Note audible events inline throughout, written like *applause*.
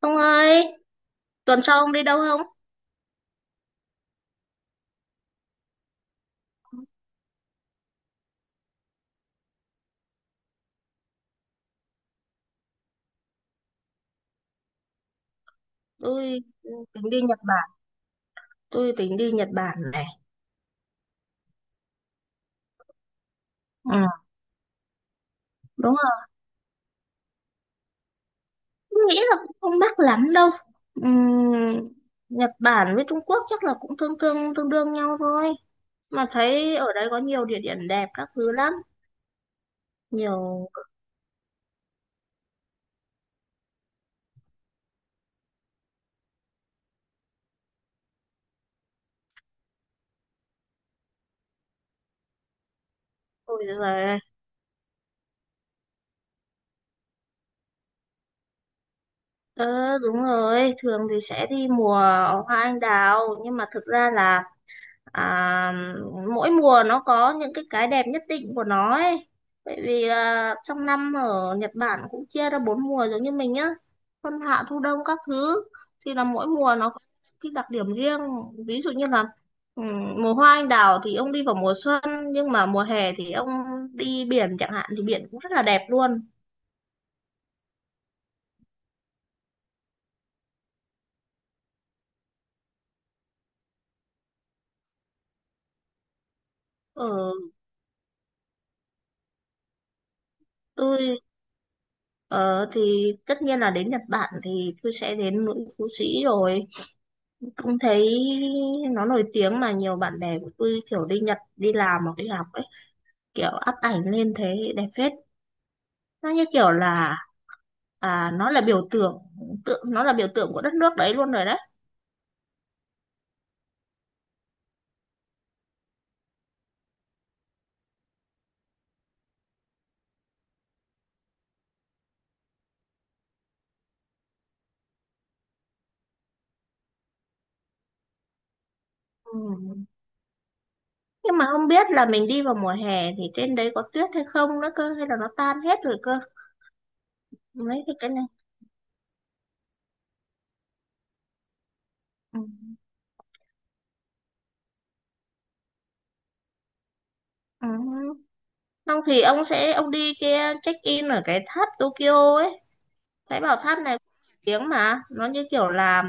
Ông ơi, tuần sau ông đi đâu không? Tôi tính đi Nhật Bản, tôi tính đi Nhật Bản này. Ừ, đúng rồi, tôi nghĩ là cũng không mắc lắm đâu. Ừm, Nhật Bản với Trung Quốc chắc là cũng tương tương tương đương nhau thôi. Mà thấy ở đấy có nhiều địa điểm đẹp các thứ lắm, nhiều. Ôi giời. Ờ, đúng rồi, thường thì sẽ đi mùa hoa anh đào, nhưng mà thực ra là à, mỗi mùa nó có những cái đẹp nhất định của nó ấy, bởi vì là trong năm ở Nhật Bản cũng chia ra bốn mùa giống như mình nhá, xuân hạ thu đông các thứ. Thì là mỗi mùa nó có cái đặc điểm riêng, ví dụ như là mùa hoa anh đào thì ông đi vào mùa xuân, nhưng mà mùa hè thì ông đi biển chẳng hạn thì biển cũng rất là đẹp luôn. Ở tôi, ờ, thì tất nhiên là đến Nhật Bản thì tôi sẽ đến núi Phú Sĩ rồi, cũng thấy nó nổi tiếng mà nhiều bạn bè của tôi kiểu đi Nhật đi làm hoặc đi học ấy, kiểu up ảnh lên thế đẹp phết. Nó như kiểu là nó là biểu tượng, nó là biểu tượng của đất nước đấy luôn rồi đấy. Ừ. Nhưng mà không biết là mình đi vào mùa hè thì trên đấy có tuyết hay không nữa cơ, hay là nó tan hết rồi cơ. Lấy cái này. Ừ. Ừ. Xong thì ông đi kia check in ở cái tháp Tokyo ấy. Thấy bảo tháp này cũng nổi tiếng mà nó như kiểu là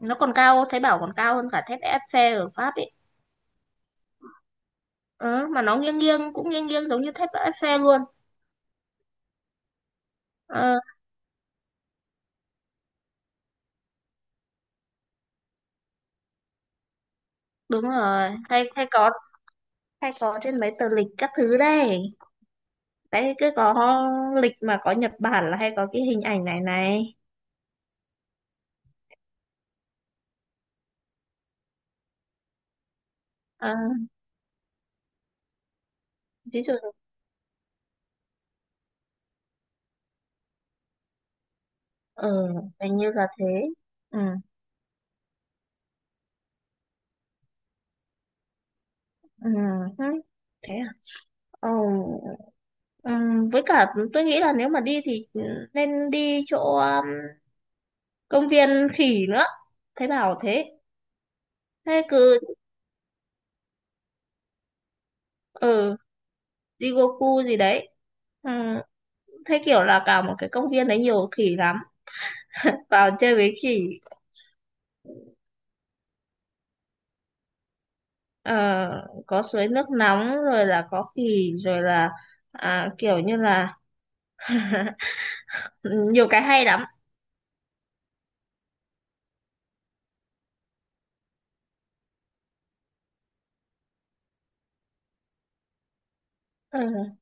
nó còn cao, thấy bảo còn cao hơn cả thép Eiffel ở Pháp ấy. Ừ, mà nó nghiêng nghiêng cũng nghiêng nghiêng giống như thép Eiffel luôn. ờ, Đúng rồi, hay hay có, hay có trên mấy tờ lịch các thứ đây. Đấy cứ có lịch mà có Nhật Bản là hay có cái hình ảnh này này. Ờ, ví dụ. Ừ, hình như là thế. Ừ. Ừ. Hứ, thế à. Ừ. Ừ, với cả tôi nghĩ là nếu mà đi thì nên đi chỗ công viên khỉ nữa, thấy bảo thế. Thế cứ. Ừ, Jigoku gì đấy. Ừ. Thế kiểu là cả một cái công viên đấy nhiều khỉ lắm, vào chơi với khỉ. Ờ, có suối nước nóng rồi là có khỉ rồi là kiểu như là nhiều cái hay lắm. Ừ.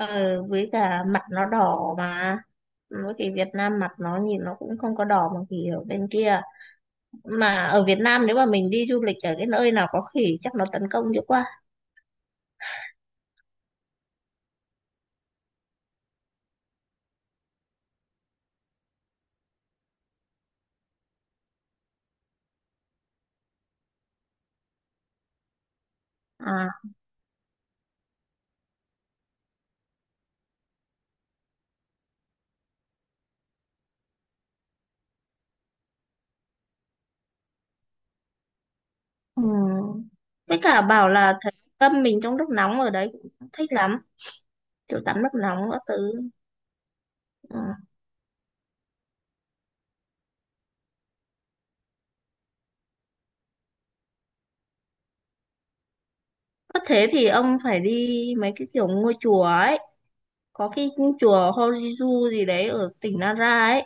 Ờ, với cả mặt nó đỏ mà, với cái Việt Nam mặt nó nhìn nó cũng không có đỏ, mà khỉ ở bên kia. Mà ở Việt Nam nếu mà mình đi du lịch ở cái nơi nào có khỉ chắc nó tấn công dữ quá. À. Ừ. Với cả bảo là thấy tâm mình trong lúc nóng ở đấy cũng thích lắm, kiểu tắm nước nóng các thứ. Ừ. Có thế thì ông phải đi mấy cái kiểu ngôi chùa ấy, có cái chùa Horizu gì đấy ở tỉnh Nara ấy.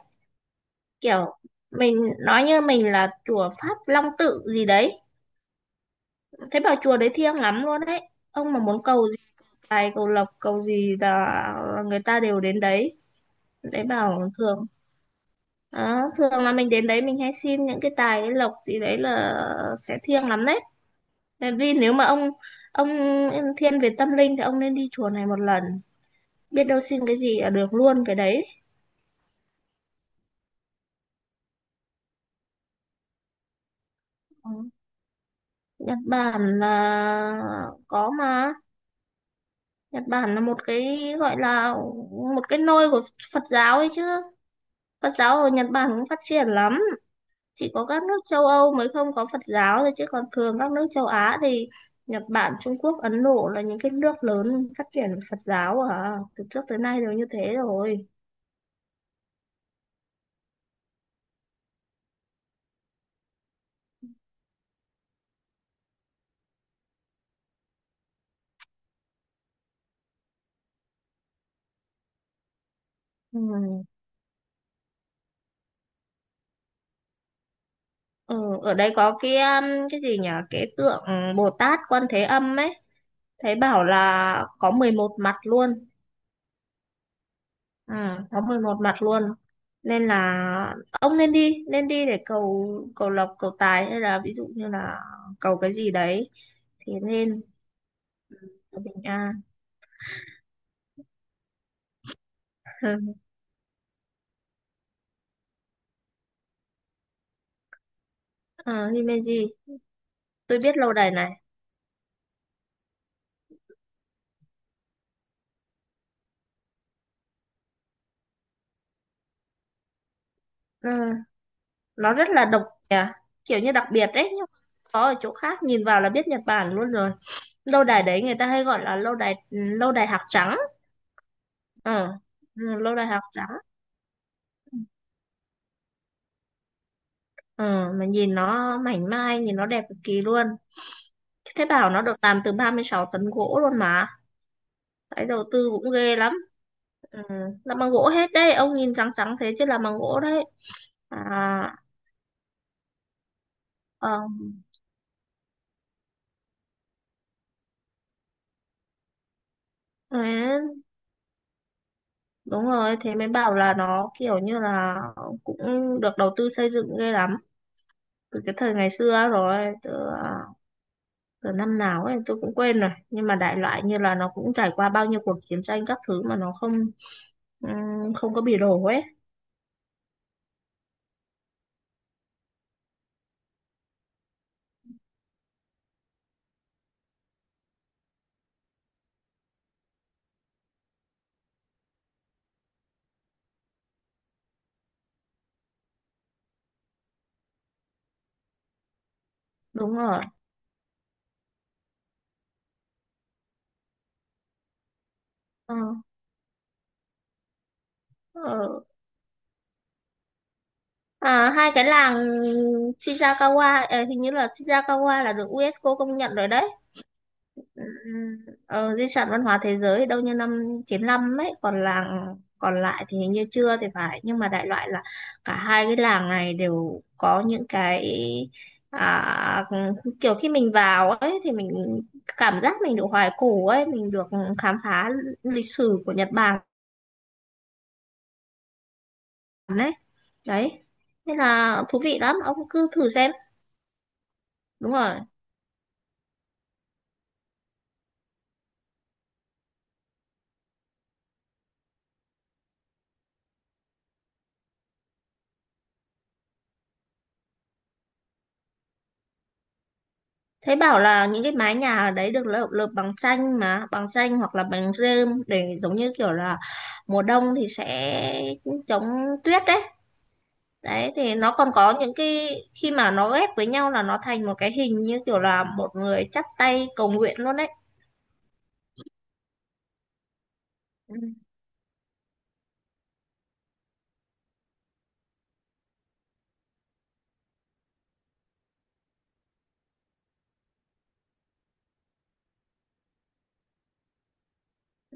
Kiểu mình nói như mình là chùa Pháp Long Tự gì đấy. Thế bảo chùa đấy thiêng lắm luôn đấy, ông mà muốn cầu gì, tài cầu lộc cầu gì là người ta đều đến đấy. Đấy bảo thường. Đó, thường là mình đến đấy mình hay xin những cái tài cái lộc gì đấy là sẽ thiêng lắm đấy. Tại vì nếu mà ông thiên về tâm linh thì ông nên đi chùa này một lần, biết đâu xin cái gì là được luôn cái đấy. Ừ. Nhật Bản là có mà, Nhật Bản là một cái gọi là một cái nôi của Phật giáo ấy chứ. Phật giáo ở Nhật Bản cũng phát triển lắm, chỉ có các nước châu Âu mới không có Phật giáo thôi, chứ còn thường các nước châu Á thì Nhật Bản, Trung Quốc, Ấn Độ là những cái nước lớn phát triển Phật giáo, từ trước tới nay đều như thế rồi. Ừ. Ừ, ở đây có cái gì nhỉ? Cái tượng Bồ Tát Quan Thế Âm ấy, thấy bảo là có 11 mặt luôn. Ừ, có 11 mặt luôn. Nên là ông nên đi để cầu, cầu lộc, cầu tài, hay là ví dụ như là cầu cái gì đấy thì nên cầu bình an. *laughs* Ờ, Himeji, tôi biết lâu đài này. Ừ, nó rất là độc nhỉ, kiểu như đặc biệt đấy, nhưng có ở chỗ khác nhìn vào là biết Nhật Bản luôn rồi. Lâu đài đấy người ta hay gọi là lâu đài lâu đài hạc trắng. Ờ. Ừ, lô đại học trắng. Ờ, mà nhìn nó mảnh mai, nhìn nó đẹp cực kỳ luôn. Thế bảo nó được làm từ 36 tấn gỗ luôn mà, cái đầu tư cũng ghê lắm. Ừ, làm bằng gỗ hết đấy, ông nhìn trắng trắng thế chứ làm bằng gỗ đấy. À. Ờ. Thế. Đúng rồi, thế mới bảo là nó kiểu như là cũng được đầu tư xây dựng ghê lắm từ cái thời ngày xưa rồi, à, từ năm nào ấy tôi cũng quên rồi, nhưng mà đại loại như là nó cũng trải qua bao nhiêu cuộc chiến tranh các thứ mà nó không, ừ, không có bỉ đổ ấy. Đúng rồi. Ờ. Ờ. À, hai cái làng Shirakawa, hình như là Shirakawa là được UNESCO công nhận rồi đấy. ừ, Di sản văn hóa thế giới đâu như năm 95 ấy, còn làng còn lại thì hình như chưa thì phải, nhưng mà đại loại là cả hai cái làng này đều có những cái, à, kiểu khi mình vào ấy thì mình cảm giác mình được hoài cổ ấy, mình được khám phá lịch sử của Nhật Bản ấy. Đấy, nên là thú vị lắm, ông cứ thử xem. Đúng rồi, thấy bảo là những cái mái nhà ở đấy được lợp lợp bằng tranh, mà bằng tranh hoặc là bằng rơm, để giống như kiểu là mùa đông thì sẽ chống tuyết đấy. Đấy thì nó còn có những cái khi mà nó ghép với nhau là nó thành một cái hình như kiểu là một người chắp tay cầu nguyện luôn đấy. Ừ.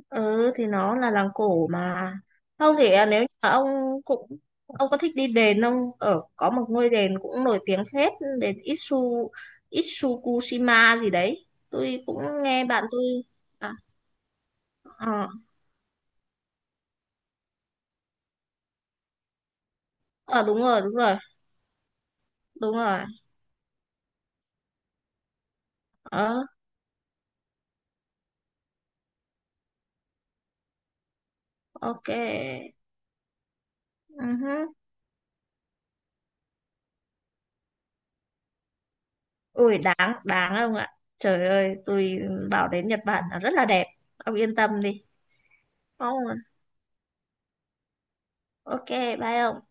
Ừ thì nó là làng cổ mà. Không thì nếu như mà ông cũng, ông có thích đi đền không, ở có một ngôi đền cũng nổi tiếng phết, đền Itsu, Itsukushima gì đấy, tôi cũng nghe bạn tôi. À. Ờ. Ờ, đúng rồi, đúng rồi, đúng rồi. Ờ. Ok. Uh. Ui, đáng đáng không ạ? Trời ơi, tôi bảo đến Nhật Bản là rất là đẹp, ông yên tâm đi. Không. Ok. Bye ông.